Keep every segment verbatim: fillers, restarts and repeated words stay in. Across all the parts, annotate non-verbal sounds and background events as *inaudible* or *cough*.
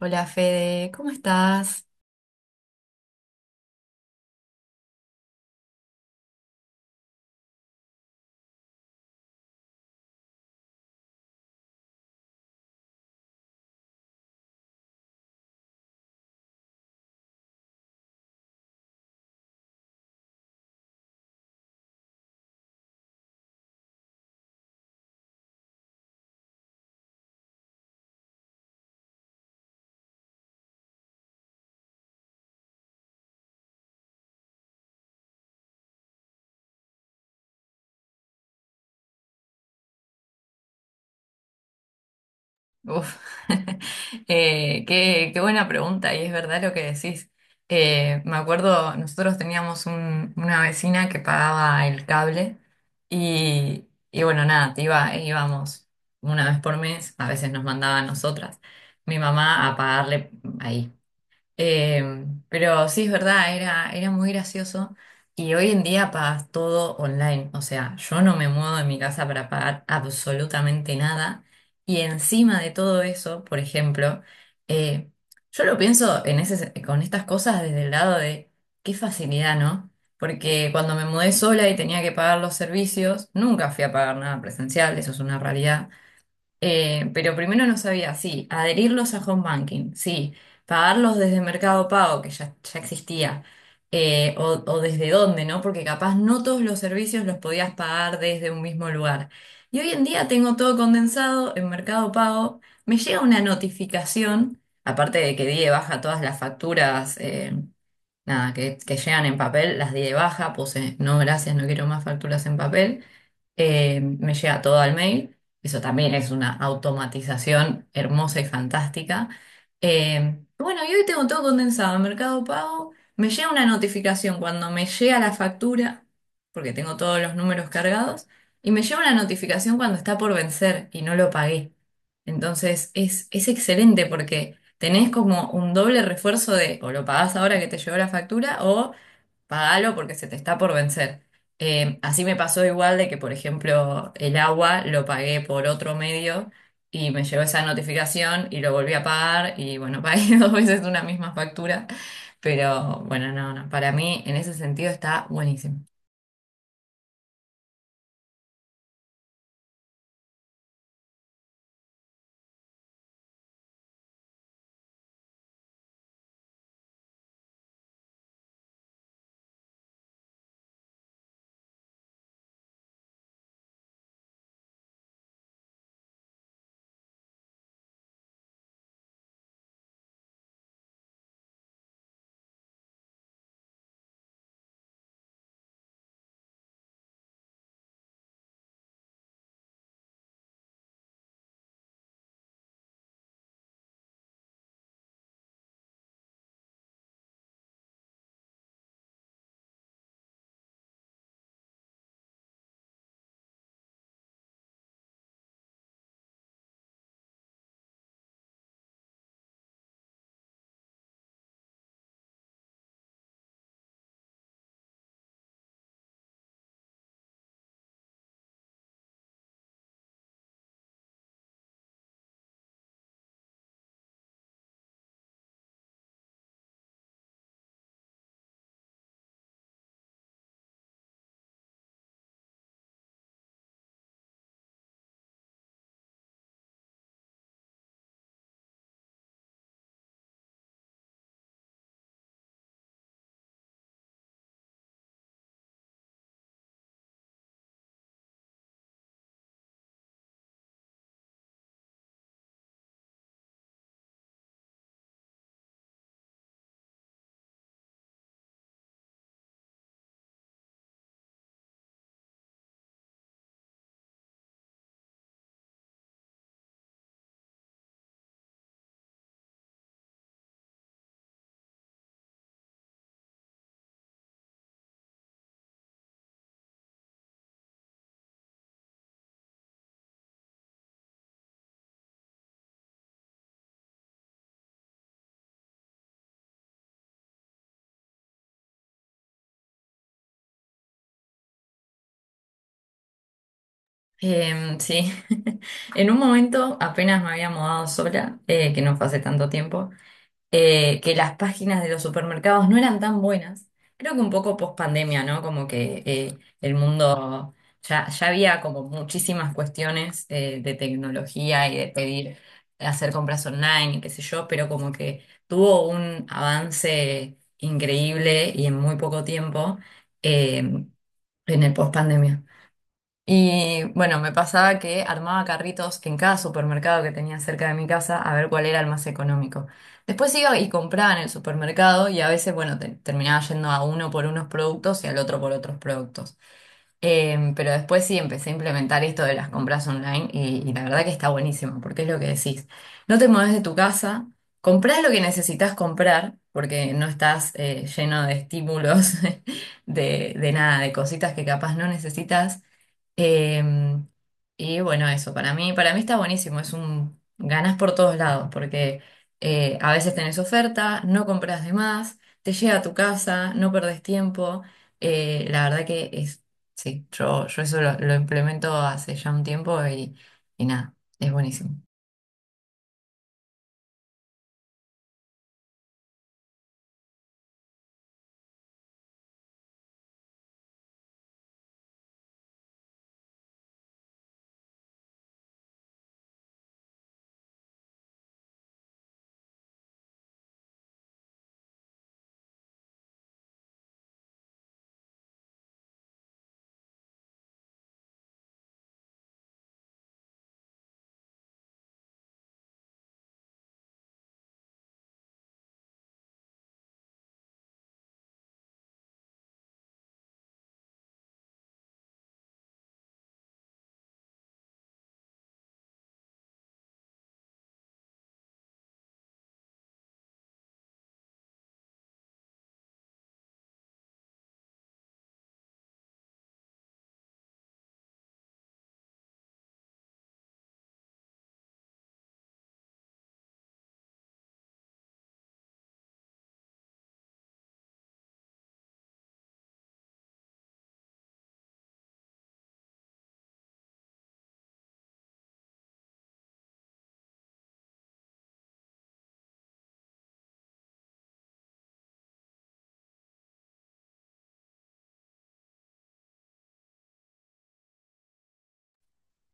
Hola Fede, ¿cómo estás? Uf, *laughs* eh, qué, qué buena pregunta, y es verdad lo que decís. Eh, me acuerdo, nosotros teníamos un- una vecina que pagaba el cable y, y bueno, nada, te iba, íbamos una vez por mes, a veces nos mandaba a nosotras, mi mamá, a pagarle ahí. Eh, pero sí, es verdad, era, era muy gracioso. Y hoy en día pagas todo online. O sea, yo no me muevo de mi casa para pagar absolutamente nada. Y encima de todo eso, por ejemplo, eh, yo lo pienso en ese, se- con estas cosas desde el lado de qué facilidad, ¿no? Porque cuando me mudé sola y tenía que pagar los servicios, nunca fui a pagar nada presencial, eso es una realidad. Eh, pero primero no sabía, sí, adherirlos a home banking, sí, pagarlos desde Mercado Pago, que ya, ya existía, eh, o, o desde dónde, ¿no? Porque capaz no todos los servicios los podías pagar desde un mismo lugar. Y hoy en día tengo todo condensado en Mercado Pago, me llega una notificación, aparte de que di de baja todas las facturas, eh, nada, que, que llegan en papel, las di de baja, puse no gracias, no quiero más facturas en papel, eh, me llega todo al mail, eso también es una automatización hermosa y fantástica. Eh, bueno, y hoy tengo todo condensado en Mercado Pago, me llega una notificación cuando me llega la factura, porque tengo todos los números cargados, y me llega una notificación cuando está por vencer y no lo pagué. Entonces es, es excelente porque tenés como un doble refuerzo de o lo pagás ahora que te llegó la factura o pagalo porque se te está por vencer. Eh, así me pasó igual de que, por ejemplo, el agua lo pagué por otro medio y me llegó esa notificación y lo volví a pagar y bueno, *laughs* pagué dos veces una misma factura. Pero bueno, no, no, para mí en ese sentido está buenísimo. Em, sí, *laughs* en un momento apenas me había mudado sola, eh, que no fue hace tanto tiempo. eh, que las páginas de los supermercados no eran tan buenas. Creo que un poco post pandemia, ¿no? Como que eh, el mundo ya, ya había como muchísimas cuestiones eh, de tecnología y de pedir, hacer compras online y qué sé yo, pero como que tuvo un avance increíble y en muy poco tiempo eh, en el post pandemia. Y bueno, me pasaba que armaba carritos en cada supermercado que tenía cerca de mi casa a ver cuál era el más económico. Después iba y compraba en el supermercado y a veces, bueno, te- terminaba yendo a uno por unos productos y al otro por otros productos. Em, pero después sí empecé a implementar esto de las compras online y, y la verdad que está buenísimo, porque es lo que decís. No te mueves de tu casa, comprás lo que necesitas comprar, porque no estás eh, lleno de estímulos, *laughs* de, de nada, de cositas que capaz no necesitas. Em, y bueno, eso, para mí, para mí está buenísimo, es un ganas por todos lados, porque eh, a veces tenés oferta, no compras de más, te llega a tu casa, no perdés tiempo, eh, la verdad que es Sí, yo, yo eso lo, lo implemento hace ya un tiempo y, y nada, es buenísimo.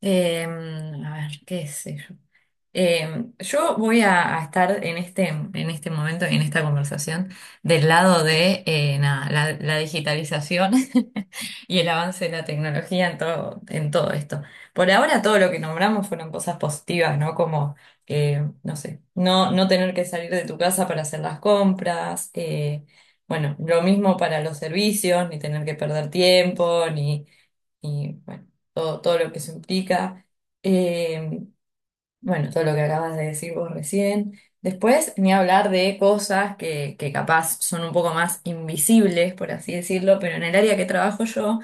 Em, a ver, qué sé yo. Em, yo voy a, a estar en este, en este momento, en esta conversación, del lado de eh, nada, la, la digitalización *laughs* y el avance de la tecnología en todo, en todo esto. Por ahora todo lo que nombramos fueron cosas positivas, ¿no? Como, eh, no sé, no, no tener que salir de tu casa para hacer las compras, eh, bueno, lo mismo para los servicios, ni tener que perder tiempo, ni, ni, bueno, todo, todo lo que eso implica. Eh, bueno, todo lo que acabas de decir vos recién. Después, ni hablar de cosas que, que capaz son un poco más invisibles, por así decirlo, pero en el área que trabajo yo,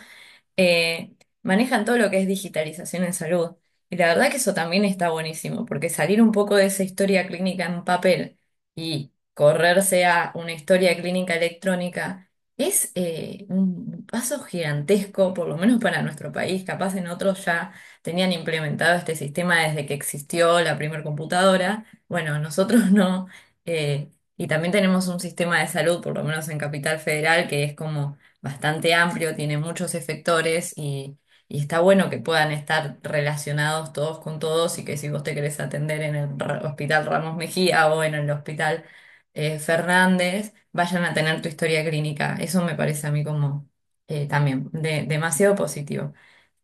eh, manejan todo lo que es digitalización en salud. Y la verdad que eso también está buenísimo, porque salir un poco de esa historia clínica en papel y correrse a una historia clínica electrónica es eh, un paso gigantesco, por lo menos para nuestro país. Capaz en otros ya tenían implementado este sistema desde que existió la primer computadora. Bueno, nosotros *laughs* no. eh, y también tenemos un sistema de salud, por lo menos en Capital Federal, que es como bastante amplio, tiene muchos efectores y, y está bueno que puedan estar relacionados todos con todos y que si vos te querés atender en el Ra- Hospital Ramos Mejía o en el Hospital eh, Fernández, vayan a tener tu historia clínica. Eso me parece a mí como eh, también de- demasiado positivo.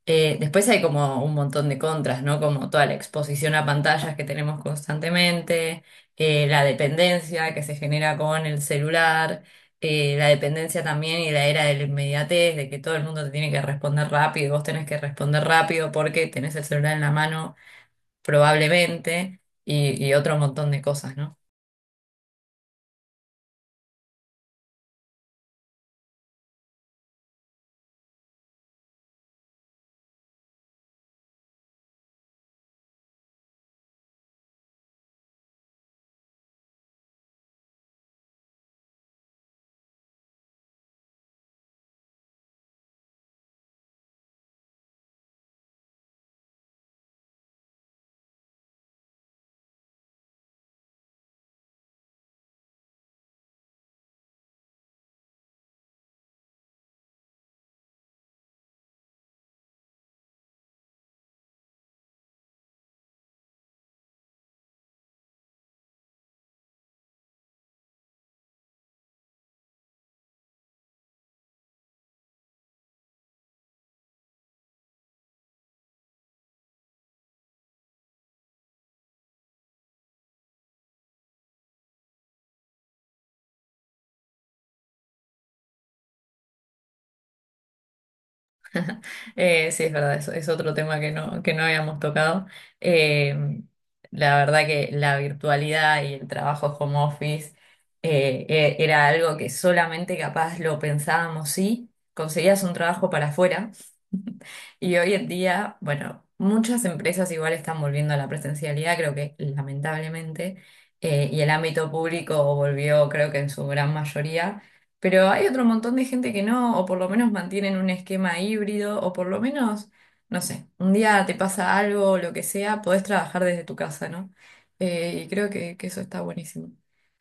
Eh, después hay como un montón de contras, ¿no? Como toda la exposición a pantallas que tenemos constantemente, eh, la dependencia que se genera con el celular, eh, la dependencia también y la era de la inmediatez, de que todo el mundo te tiene que responder rápido, y vos tenés que responder rápido porque tenés el celular en la mano probablemente y, y otro montón de cosas, ¿no? Eh, sí, es verdad, es, es otro tema que no, que no habíamos tocado. Eh, la verdad que la virtualidad y el trabajo home office eh, e- era algo que solamente capaz lo pensábamos si conseguías un trabajo para afuera. Y hoy en día, bueno, muchas empresas igual están volviendo a la presencialidad, creo que lamentablemente, eh, y el ámbito público volvió, creo que en su gran mayoría, pero hay otro montón de gente que no, o por lo menos mantienen un esquema híbrido, o por lo menos, no sé, un día te pasa algo, o lo que sea, podés trabajar desde tu casa, ¿no? Eh, y creo que, que eso está buenísimo.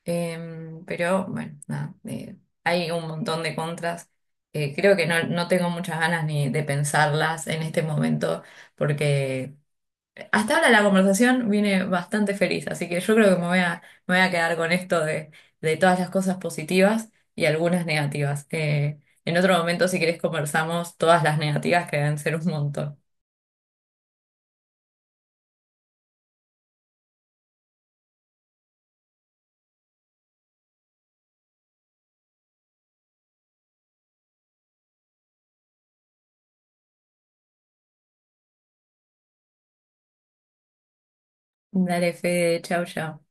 Em, pero bueno, nada, eh, hay un montón de contras eh, creo que no, no tengo muchas ganas ni de pensarlas en este momento, porque hasta ahora la conversación viene bastante feliz, así que yo creo que me voy a, me voy a quedar con esto de, de todas las cosas positivas y algunas negativas. Eh, en otro momento, si querés, conversamos todas las negativas que deben ser un montón. Dale, Fede, chau, chau.